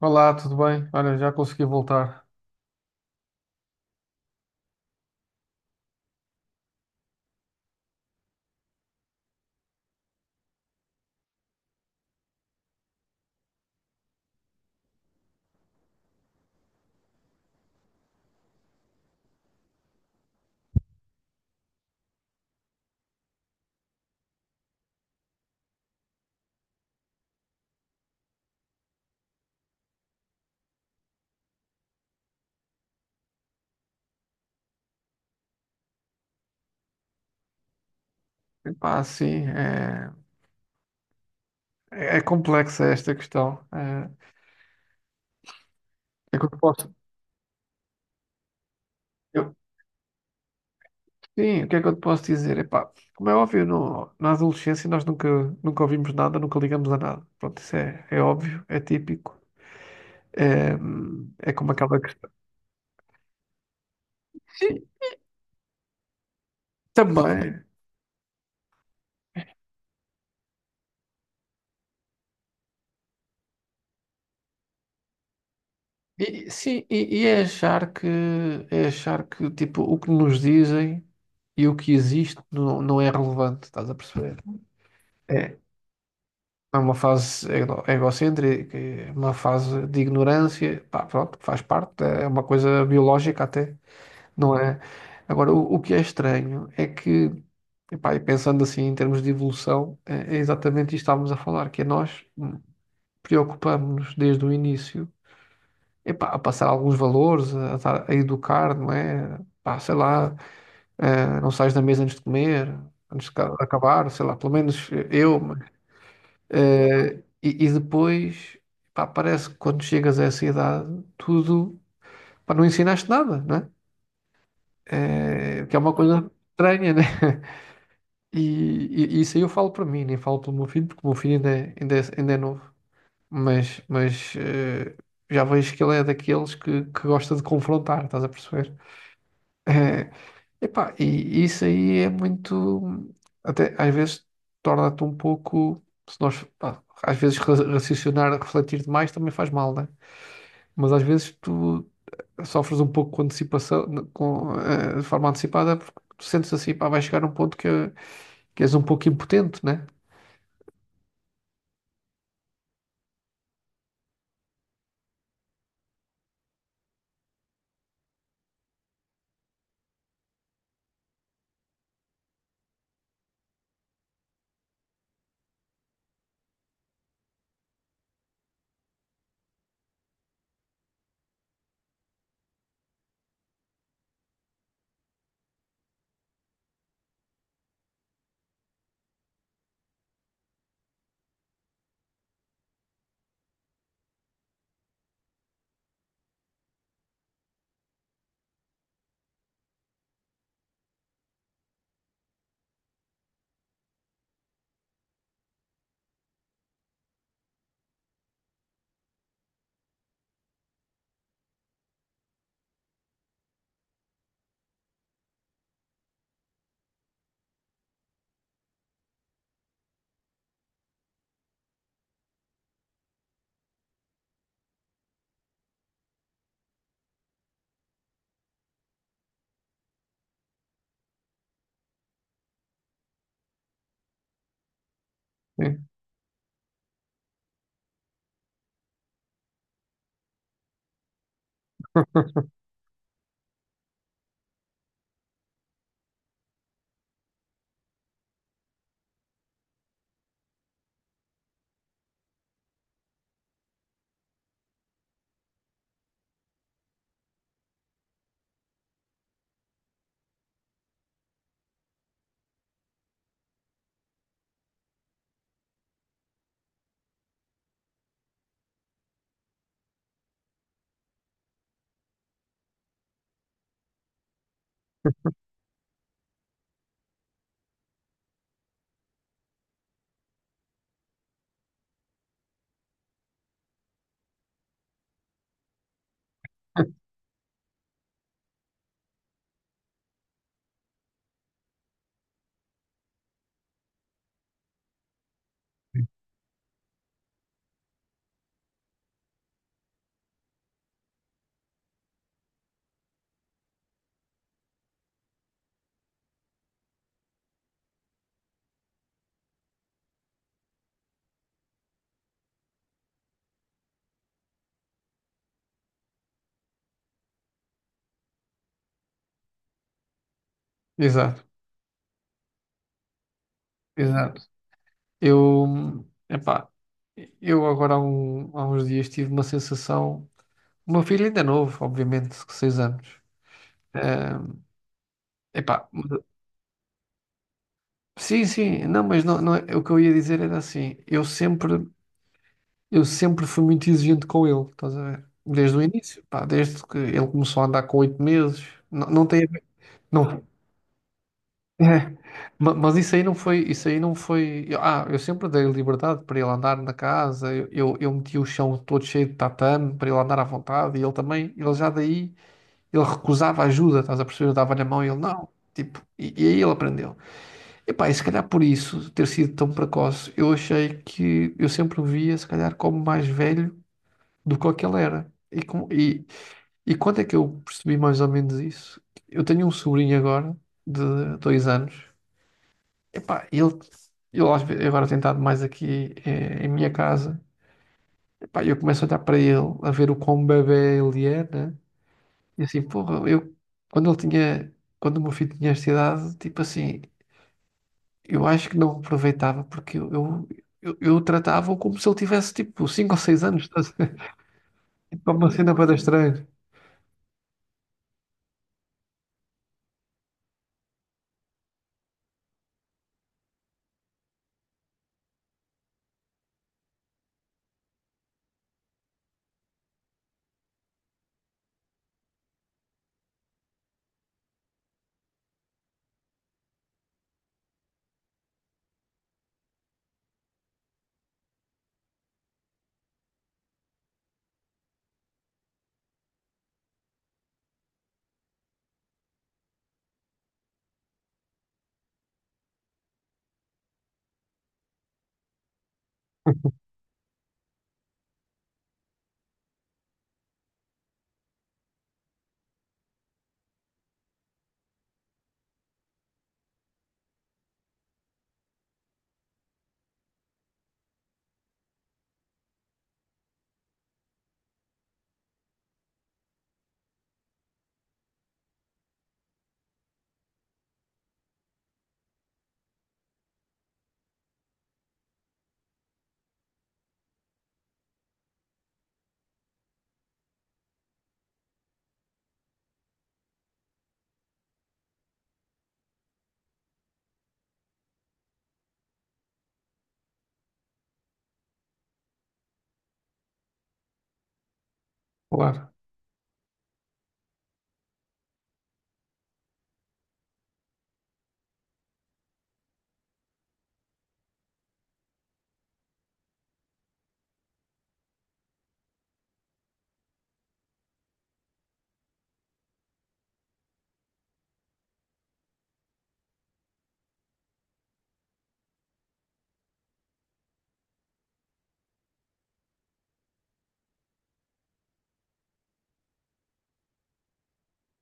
Olá, tudo bem? Olha, já consegui voltar. Epá, sim, é complexa esta questão. É, o que é que eu te posso, eu- sim, o que é que eu te posso dizer? Epá, como é óbvio, na adolescência nós nunca, nunca ouvimos nada, nunca ligamos a nada. Pronto, é óbvio, é típico. É, é como aquela questão. Sim, também. E é achar é achar que, tipo, o que nos dizem e o que existe não, não é relevante, estás a perceber? É, É uma fase egocêntrica, é uma fase de ignorância, pá, pronto, faz parte, é uma coisa biológica até, não é? Agora, o que é estranho é que, epá, e pensando assim em termos de evolução, é exatamente isto que estávamos a falar, que é nós preocupamos-nos desde o início, epá, a passar alguns valores, a educar, não é? Pá, sei lá, não sais da mesa antes de comer, antes de acabar, sei lá, pelo menos eu, eh, e depois, pá, parece que quando chegas a essa idade, tudo, pá, não ensinaste nada, não é? Que é uma coisa estranha, né? E, isso aí eu falo para mim, nem falo pelo meu filho, porque o meu filho ainda é novo. Mas já vejo que ele é daqueles que gosta de confrontar, estás a perceber? Eh, e isso aí é muito. Até às vezes torna-te um pouco. Se nós, pá, às vezes raciocinar, refletir demais também faz mal, né? Mas às vezes tu sofres um pouco com antecipação, de forma antecipada, porque tu sentes assim, pá, vai chegar um ponto que és um pouco impotente, né? É. Exato, exato. Eu, epá, eu agora há uns dias tive uma sensação. O meu filho ainda é novo, obviamente, 6 anos. Eh, Epá, sim, sim, não, mas não, não é- o que eu ia dizer era assim, eu sempre fui muito exigente com ele, estás a ver? Desde o início, pá, desde que ele começou a andar com 8 meses, não, não tem a ver, não, é, mas isso aí não foi, eu sempre dei liberdade para ele andar na casa, eu meti o chão todo cheio de tatame para ele andar à vontade, e ele também, ele já daí, ele recusava ajuda, estás a perceber? Eu dava-lhe a mão e ele, não, tipo, e aí ele aprendeu. Epá, e se calhar por isso ter sido tão precoce, eu achei que eu sempre o via, se calhar, como mais velho do que o que ele era. E quando é que eu percebi mais ou menos isso? Eu tenho um sobrinho agora, de 2 anos. Epá, ele às vezes, agora tem estado mais aqui em minha casa. Epá, eu começo a olhar para ele, a ver o quão bebé ele é, né? E assim, porra, eu, quando ele tinha, quando o meu filho tinha esta idade, tipo assim. Eu acho que não aproveitava porque eu tratava-o como se ele tivesse tipo 5 ou 6 anos, estás a ver? Tipo uma cena para estranha. Claro,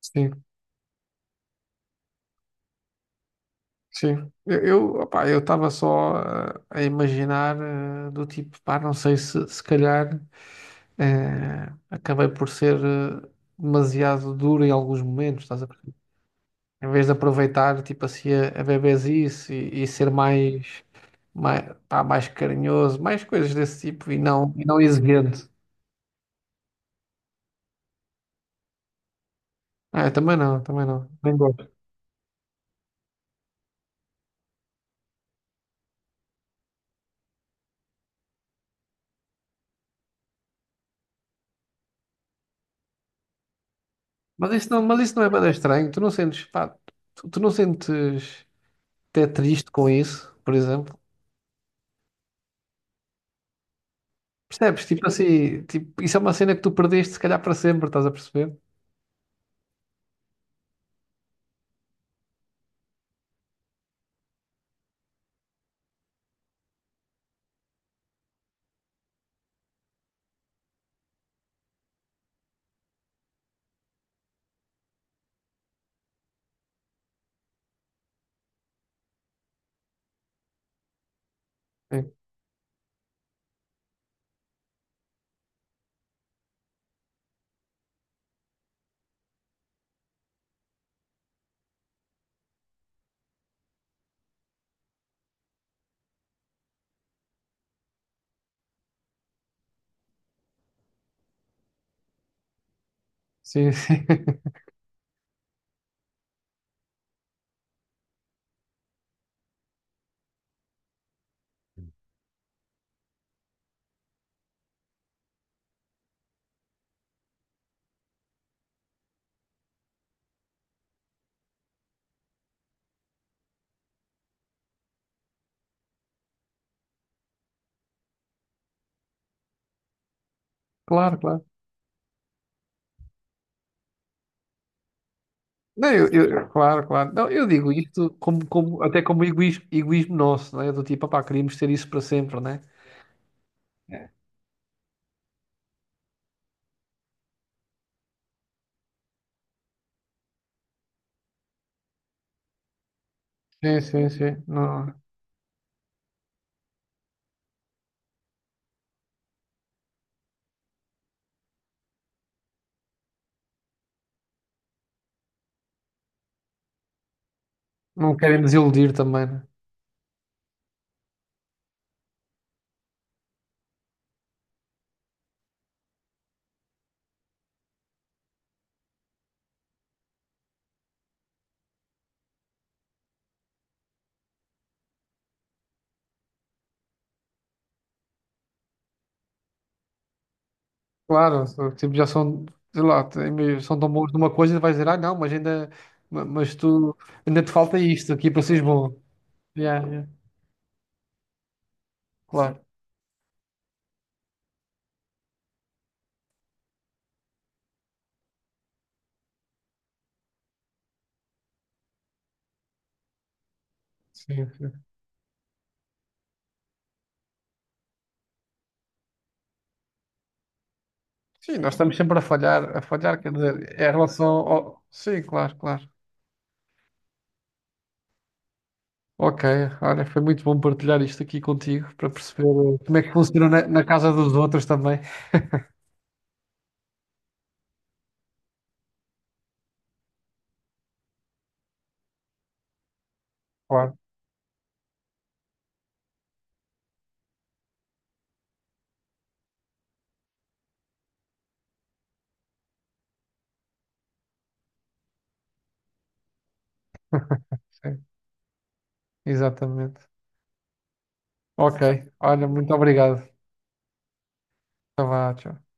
sim, sim. Opá, eu estava só a imaginar do tipo, pá, não sei se se calhar acabei por ser demasiado duro em alguns momentos, estás a perceber? Em vez de aproveitar tipo assim a bebezice e ser mais, mais, pá, mais carinhoso, mais coisas desse tipo e não exigente. Ah, eu também não, também não. Nem gosto. Mas isso não é bem estranho. Tu não sentes, pá, tu não sentes até triste com isso, por exemplo. Percebes? Tipo assim, tipo, isso é uma cena que tu perdeste se calhar para sempre, estás a perceber? Sim, sim, sim. Claro, claro. Não, eu- Claro, claro. Não, eu digo isto como, até como egoísmo, egoísmo nosso, não é? Do tipo, opá, queríamos ter isso para sempre, não é? Sim, sim, sim. Não, não querem desiludir também, né? Claro, tipo, já são, sei lá, são tão bons numa coisa e vais dizer, ah, não, mas ainda, mas tu, ainda te falta isto aqui para seres bom. Yeah, yeah, claro. Sim, sim. Sim, nós estamos sempre a falhar, quer dizer, é em relação ao... Sim, claro, claro. Ok, olha, foi muito bom partilhar isto aqui contigo para perceber como é que funciona na casa dos outros também. Claro, sim, exatamente. Ok, olha, muito obrigado. Tá vá, tchau.